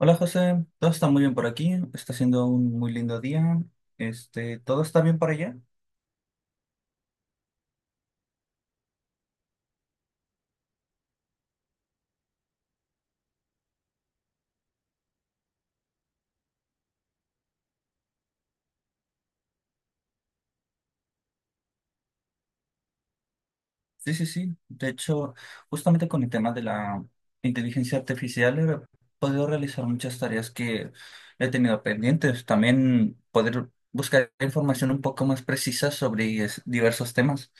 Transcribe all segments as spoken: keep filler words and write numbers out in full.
Hola José, todo está muy bien por aquí, está siendo un muy lindo día. Este, ¿todo está bien por allá? Sí, sí, sí. De hecho, justamente con el tema de la inteligencia artificial he podido realizar muchas tareas que he tenido pendientes. También poder buscar información un poco más precisa sobre es- diversos temas.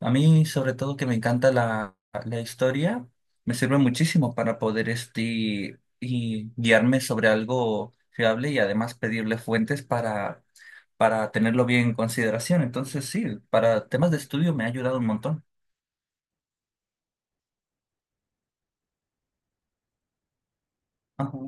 A mí, sobre todo, que me encanta la, la historia, me sirve muchísimo para poder este, y guiarme sobre algo fiable y además pedirle fuentes para, para tenerlo bien en consideración. Entonces, sí, para temas de estudio me ha ayudado un montón. Ajá.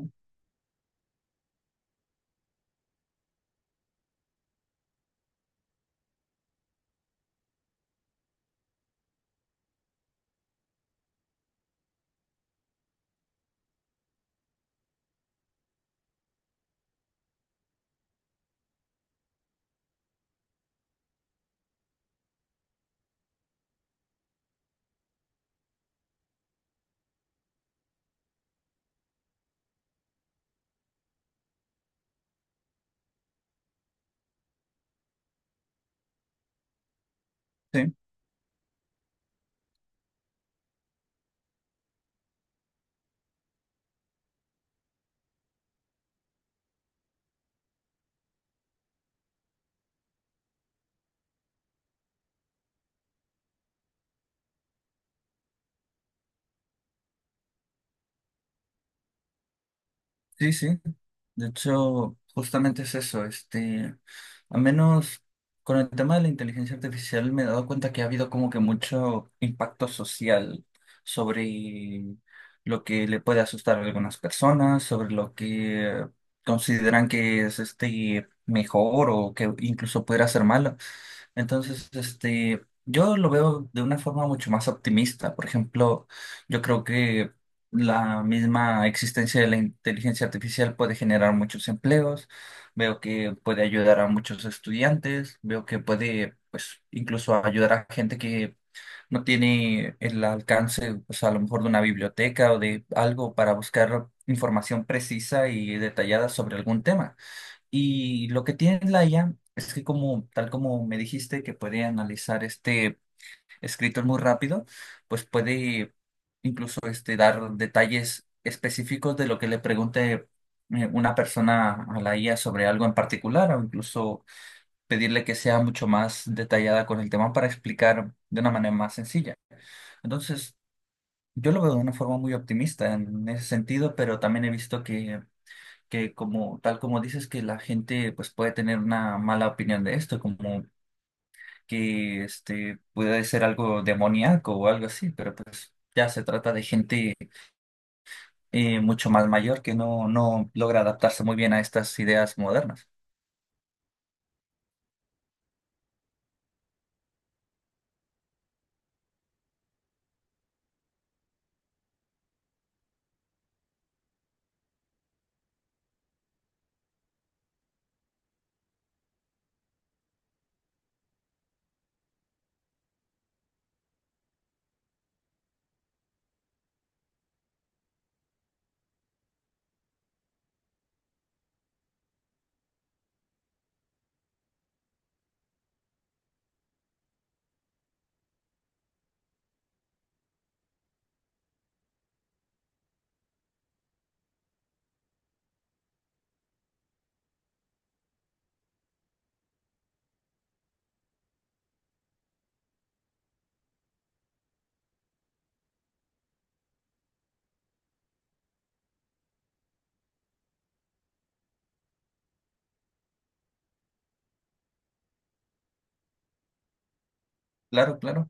Sí, sí, sí. De hecho, justamente es eso. Este, al menos con el tema de la inteligencia artificial me he dado cuenta que ha habido como que mucho impacto social sobre lo que le puede asustar a algunas personas, sobre lo que consideran que es este mejor o que incluso pudiera ser malo. Entonces, este, yo lo veo de una forma mucho más optimista. Por ejemplo, yo creo que la misma existencia de la inteligencia artificial puede generar muchos empleos. Veo que puede ayudar a muchos estudiantes. Veo que puede, pues, incluso ayudar a gente que no tiene el alcance, pues, a lo mejor de una biblioteca o de algo para buscar información precisa y detallada sobre algún tema. Y lo que tiene la I A es que como, tal como me dijiste, que puede analizar este escritor muy rápido, pues puede incluso este, dar detalles específicos de lo que le pregunte eh, una persona a la I A sobre algo en particular, o incluso pedirle que sea mucho más detallada con el tema para explicar de una manera más sencilla. Entonces, yo lo veo de una forma muy optimista en ese sentido, pero también he visto que que como tal como dices que la gente pues puede tener una mala opinión de esto, como que este puede ser algo demoníaco o algo así, pero pues ya se trata de gente eh, mucho más mayor que no, no logra adaptarse muy bien a estas ideas modernas. Claro, claro.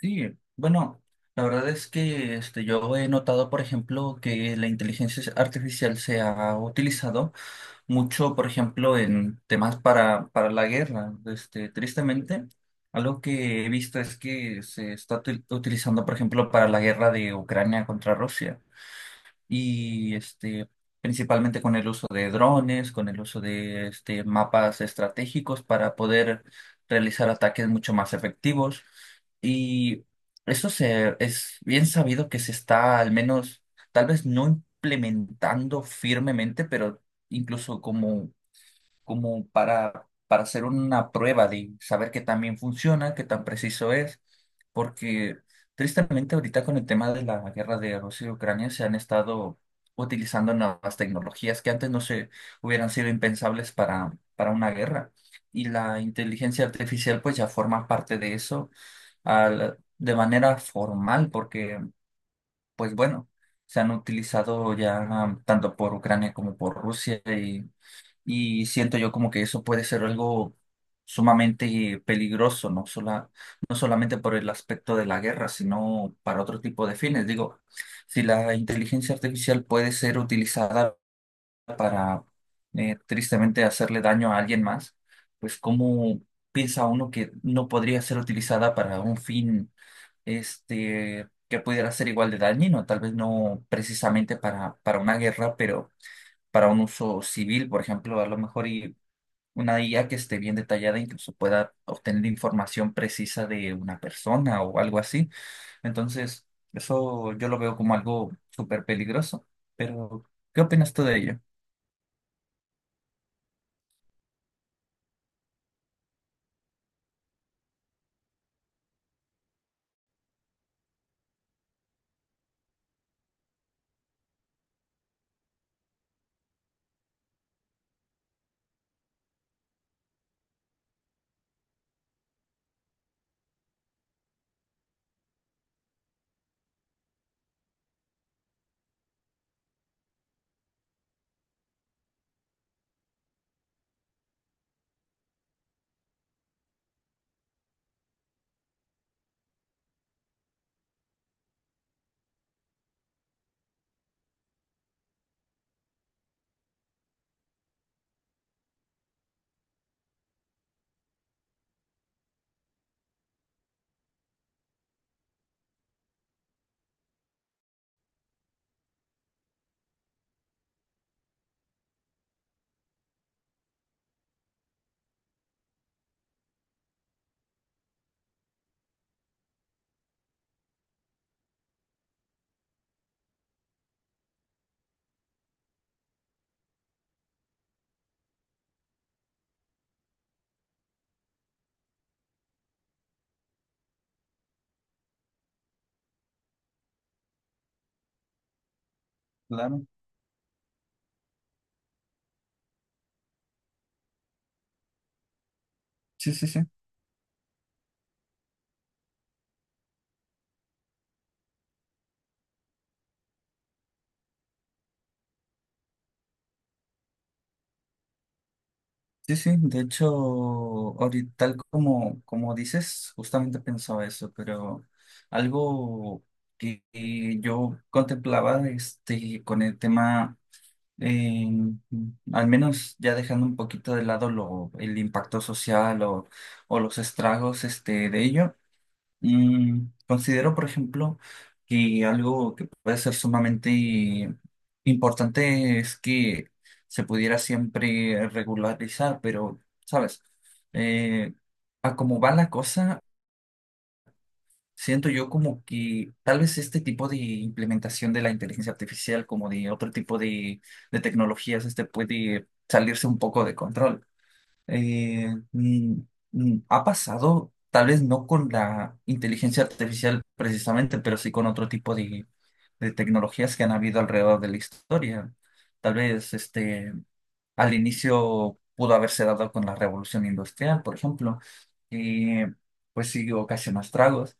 Sí, bueno, la verdad es que este, yo he notado, por ejemplo, que la inteligencia artificial se ha utilizado mucho, por ejemplo, en temas para, para, la guerra. Este, tristemente, algo que he visto es que se está util- utilizando, por ejemplo, para la guerra de Ucrania contra Rusia y este, principalmente con el uso de drones, con el uso de este, mapas estratégicos para poder realizar ataques mucho más efectivos. Y eso se, es bien sabido que se está al menos, tal vez no implementando firmemente, pero incluso como como para, para, hacer una prueba de saber qué tan bien funciona, qué tan preciso es, porque tristemente ahorita con el tema de la guerra de Rusia y Ucrania se han estado utilizando nuevas tecnologías que antes no se hubieran sido impensables para, para una guerra. Y la inteligencia artificial pues ya forma parte de eso al- de manera formal, porque pues bueno, se han utilizado ya tanto por Ucrania como por Rusia y siento yo como que eso puede ser algo sumamente peligroso, no sola- no solamente por el aspecto de la guerra, sino para otro tipo de fines. Digo, si la inteligencia artificial puede ser utilizada para eh, tristemente hacerle daño a alguien más, pues ¿cómo piensa uno que no podría ser utilizada para un fin este, que pudiera ser igual de dañino? Tal vez no precisamente para, para, una guerra, pero para un uso civil, por ejemplo, a lo mejor y una I A que esté bien detallada, incluso pueda obtener información precisa de una persona o algo así. Entonces, eso yo lo veo como algo súper peligroso. Pero, ¿qué opinas tú de ello? Claro, sí, sí, sí. Sí, sí, de hecho, ahorita, tal como, como dices, justamente pensaba eso, pero algo que que yo contemplaba este, con el tema eh, al menos ya dejando un poquito de lado lo, el impacto social o, o, los estragos este, de ello, mm, considero, por ejemplo, que algo que puede ser sumamente importante es que se pudiera siempre regularizar, pero, ¿sabes? Eh, a cómo va la cosa. Siento yo como que tal vez este tipo de implementación de la inteligencia artificial, como de otro tipo de, de, tecnologías, este puede salirse un poco de control. Eh, mm, mm, ha pasado, tal vez no con la inteligencia artificial precisamente, pero sí con otro tipo de, de tecnologías que han habido alrededor de la historia. Tal vez este, al inicio pudo haberse dado con la revolución industrial, por ejemplo, que pues sí ocasionó estragos.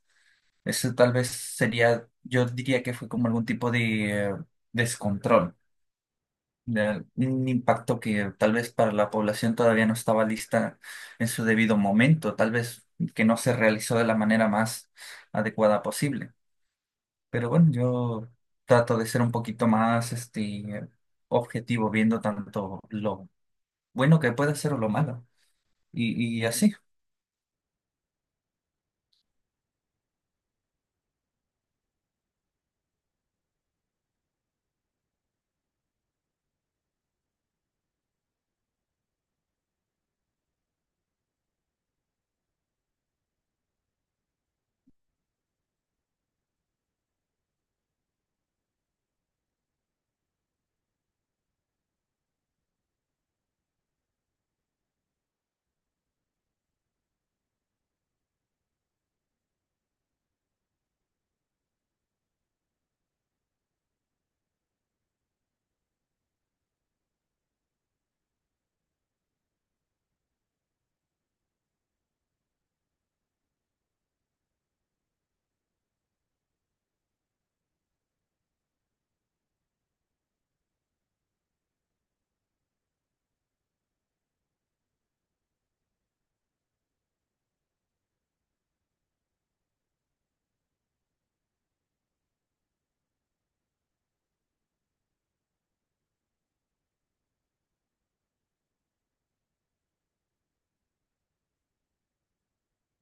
Eso tal vez sería, yo diría que fue como algún tipo de eh, descontrol, de un impacto que tal vez para la población todavía no estaba lista en su debido momento, tal vez que no se realizó de la manera más adecuada posible. Pero bueno, yo trato de ser un poquito más este, objetivo viendo tanto lo bueno que puede ser o lo malo. Y, y así,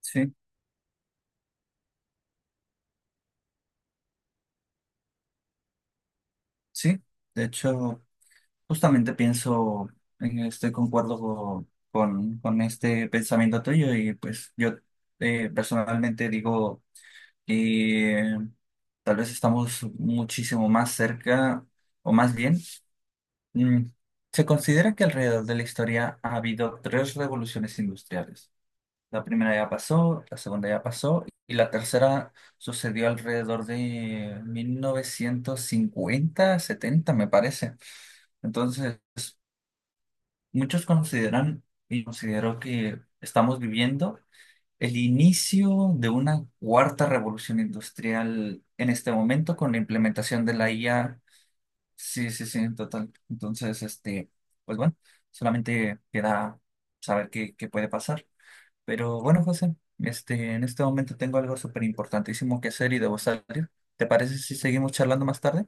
sí, sí. De hecho. Justamente pienso en este, concuerdo co- con, con este pensamiento tuyo y pues yo eh, personalmente digo que tal vez estamos muchísimo más cerca o más bien, mm, se considera que alrededor de la historia ha habido tres revoluciones industriales. La primera ya pasó, la segunda ya pasó y la tercera sucedió alrededor de mil novecientos cincuenta setenta me parece. Entonces. Muchos consideran, y considero que estamos viviendo el inicio de una cuarta revolución industrial en este momento con la implementación de la I A. Sí, sí, sí, en total. Entonces, este, pues bueno, solamente queda saber qué, qué puede pasar. Pero bueno, José, este, en este momento tengo algo súper importantísimo que hacer y debo salir. ¿Te parece si seguimos charlando más tarde?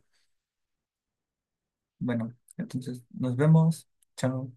Bueno, entonces nos vemos. Chao.